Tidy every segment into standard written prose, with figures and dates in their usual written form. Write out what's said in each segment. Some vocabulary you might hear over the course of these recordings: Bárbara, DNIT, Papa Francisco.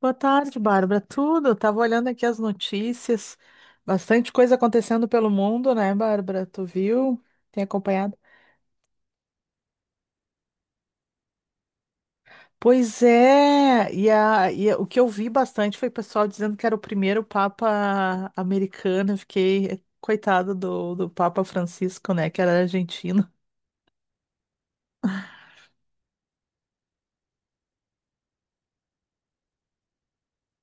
Boa tarde, Bárbara. Tudo? Tava olhando aqui as notícias. Bastante coisa acontecendo pelo mundo, né, Bárbara? Tu viu? Tem acompanhado? Pois é. E o que eu vi bastante foi o pessoal dizendo que era o primeiro Papa americano. Eu Fiquei coitado do Papa Francisco, né, que era argentino.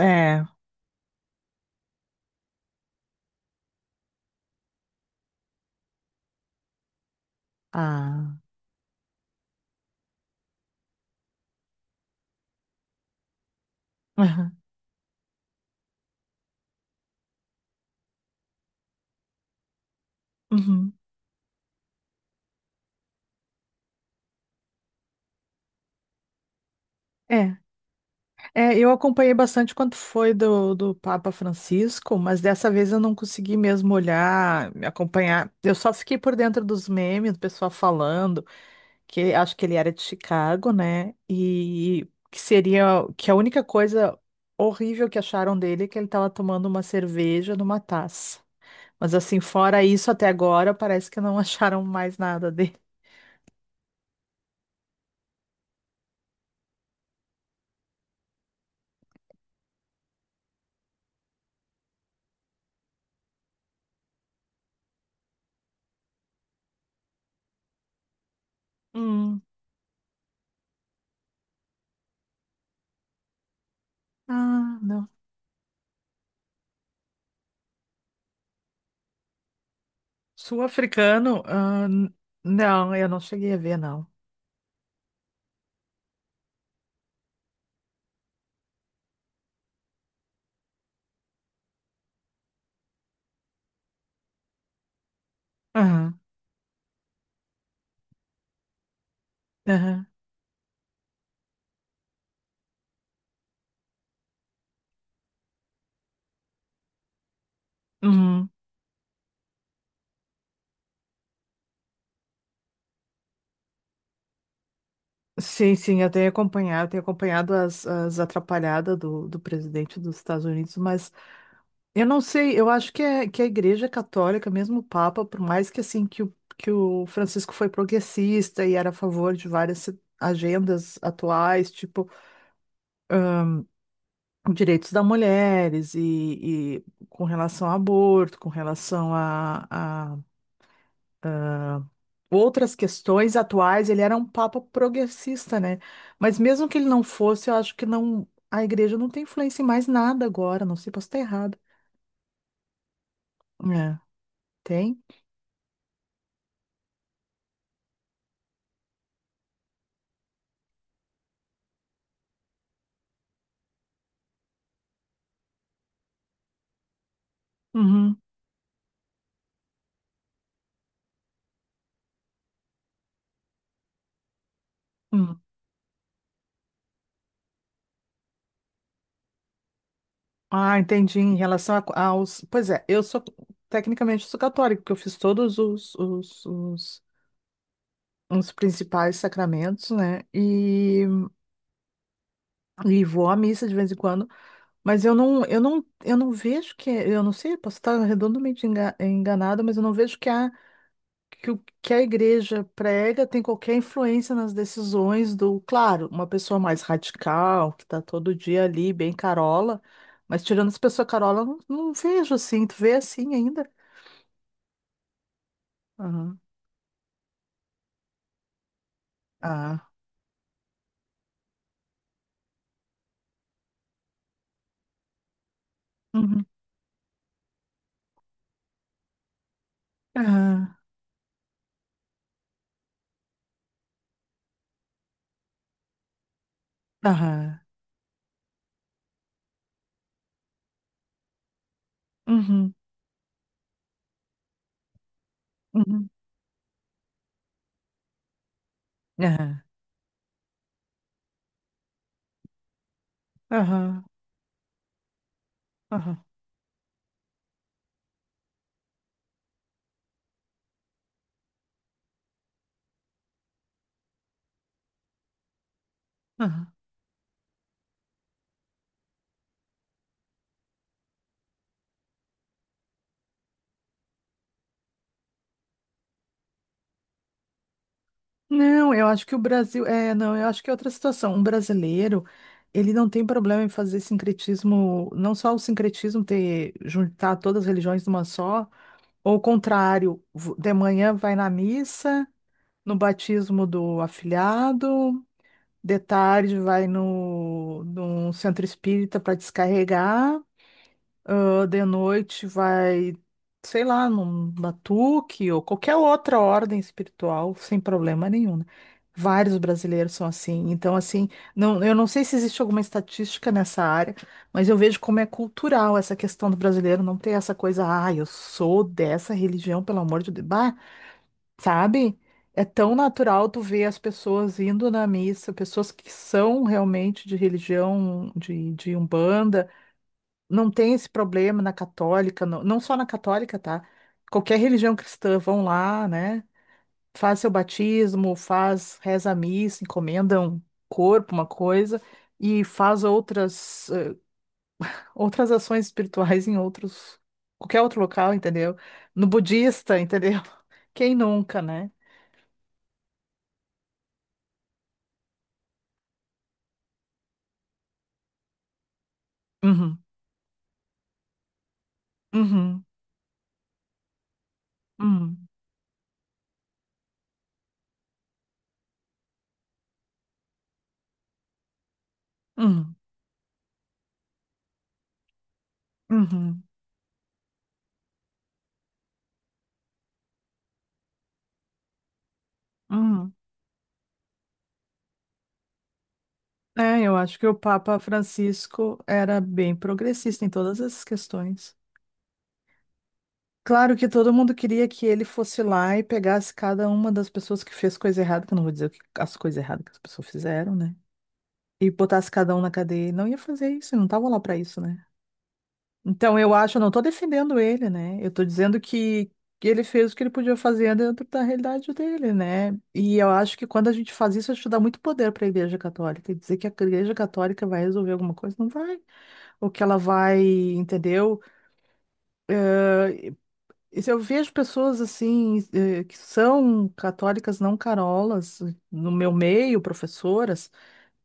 É. Ah. Aham. Uhum. É. É, eu acompanhei bastante quanto foi do Papa Francisco, mas dessa vez eu não consegui mesmo olhar, me acompanhar. Eu só fiquei por dentro dos memes, do pessoal falando que acho que ele era de Chicago, né? E que seria que a única coisa horrível que acharam dele é que ele estava tomando uma cerveja numa taça. Mas assim, fora isso, até agora parece que não acharam mais nada dele. Hum. Ah, não. Sul-africano? Não, eu não cheguei a ver, não. Aham. Aham. Uhum. Sim, sim, eu tenho acompanhado as, as atrapalhadas do presidente dos Estados Unidos, mas eu não sei, eu acho que, é, que a Igreja Católica, mesmo o Papa, por mais que assim que o Francisco foi progressista e era a favor de várias agendas atuais, tipo direitos das mulheres e com relação ao aborto, com relação a, outras questões atuais, ele era um papa progressista, né? Mas mesmo que ele não fosse, eu acho que não, a igreja não tem influência em mais nada agora, não sei, posso estar errado. É, tem? Uhum, uhum. Ah, entendi, em relação aos... Pois é, eu sou, tecnicamente, eu sou católico porque eu fiz todos os principais sacramentos, né? E vou à missa de vez em quando, mas eu não vejo que, eu não sei, posso estar redondamente enganada, mas eu não vejo que há que o que a igreja prega tem qualquer influência nas decisões do, claro, uma pessoa mais radical, que está todo dia ali, bem carola, mas tirando as pessoas carola, eu não vejo assim, tu vê assim ainda? Aham. Ah. Uhum. Aham. Aham. Uhum. Uhum. Aham. Aham. Aham. Aham. Não, eu acho que o Brasil. É, não, eu acho que é outra situação. Um brasileiro, ele não tem problema em fazer sincretismo, não só o sincretismo ter, juntar todas as religiões numa só, ou o contrário, de manhã vai na missa, no batismo do afilhado, de tarde vai no, num centro espírita para descarregar. Ah, de noite vai, sei lá, num batuque ou qualquer outra ordem espiritual, sem problema nenhum, né? Vários brasileiros são assim. Então, assim, não, eu não sei se existe alguma estatística nessa área, mas eu vejo como é cultural essa questão do brasileiro não ter essa coisa, ah, eu sou dessa religião, pelo amor de Deus. Bah, sabe? É tão natural tu ver as pessoas indo na missa, pessoas que são realmente de religião, de Umbanda. Não tem esse problema na católica, não só na católica, tá? Qualquer religião cristã vão lá, né? Faz seu batismo, faz, reza a missa, encomenda um corpo, uma coisa, e faz outras, outras ações espirituais em outros, qualquer outro local, entendeu? No budista, entendeu? Quem nunca, né? Uhum, uhum, uhum, uhum, uhum, uhum. É, eu acho que o Papa Francisco era bem progressista em todas essas questões. Claro que todo mundo queria que ele fosse lá e pegasse cada uma das pessoas que fez coisa errada, que eu não vou dizer as coisas erradas que as pessoas fizeram, né? E botasse cada um na cadeia. Ele não ia fazer isso, ele não tava lá pra isso, né? Então eu acho, eu não tô defendendo ele, né? Eu tô dizendo que ele fez o que ele podia fazer dentro da realidade dele, né? E eu acho que quando a gente faz isso, a gente dá muito poder para a Igreja Católica. E dizer que a Igreja Católica vai resolver alguma coisa, não vai. Ou que ela vai, entendeu? E se Eu vejo pessoas assim, que são católicas não carolas, no meu meio, professoras,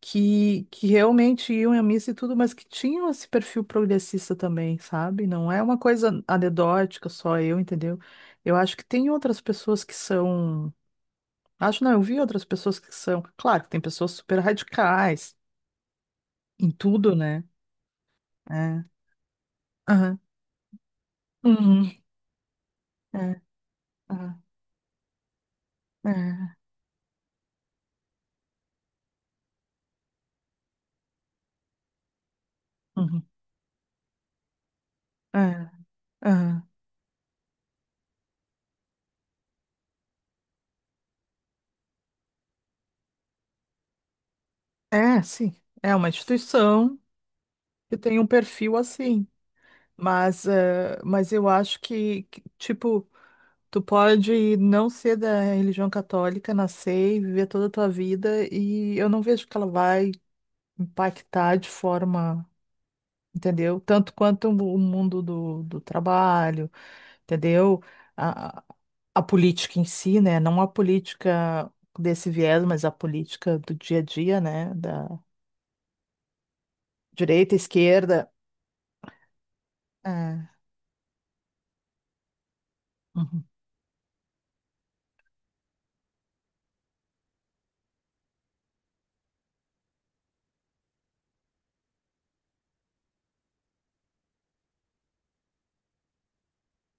que realmente iam à missa e tudo, mas que tinham esse perfil progressista também, sabe? Não é uma coisa anedótica, só eu, entendeu? Eu acho que tem outras pessoas que são. Acho não, eu vi outras pessoas que são. Claro que tem pessoas super radicais em tudo, né? É. Aham. Uhum. É. Aham. É. Uhum. É. Aham. É, sim, é uma instituição que tem um perfil assim, mas, mas eu acho que, tipo, tu pode não ser da religião católica, nascer e viver toda a tua vida, e eu não vejo que ela vai impactar de forma, entendeu? Tanto quanto o mundo do trabalho, entendeu? A, a política em si, né? Não a política desse viés, mas a política do dia a dia, né? Da direita, esquerda. Uhum.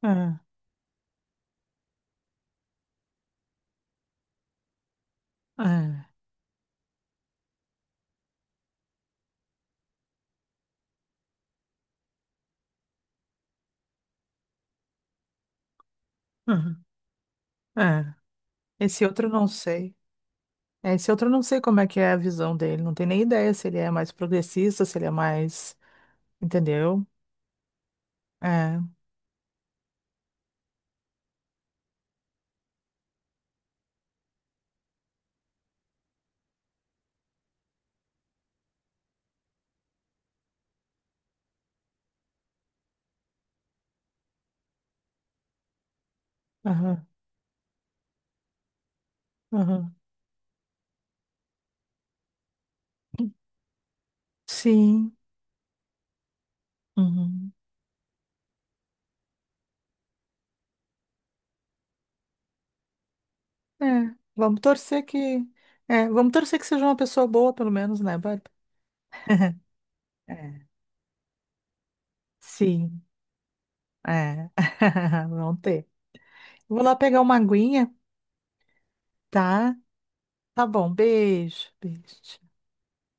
É, é, uhum, é. Esse outro eu não sei. Esse outro eu não sei como é que é a visão dele. Não tenho nem ideia se ele é mais progressista, se ele é mais. Entendeu? É. Aham, aham. Sim. Uhum. É. Vamos torcer que. É, vamos torcer que seja uma pessoa boa, pelo menos, né, Bárbara? É. Sim. É. Vão ter. Vou lá pegar uma aguinha, tá? Tá bom. Beijo. Beijo.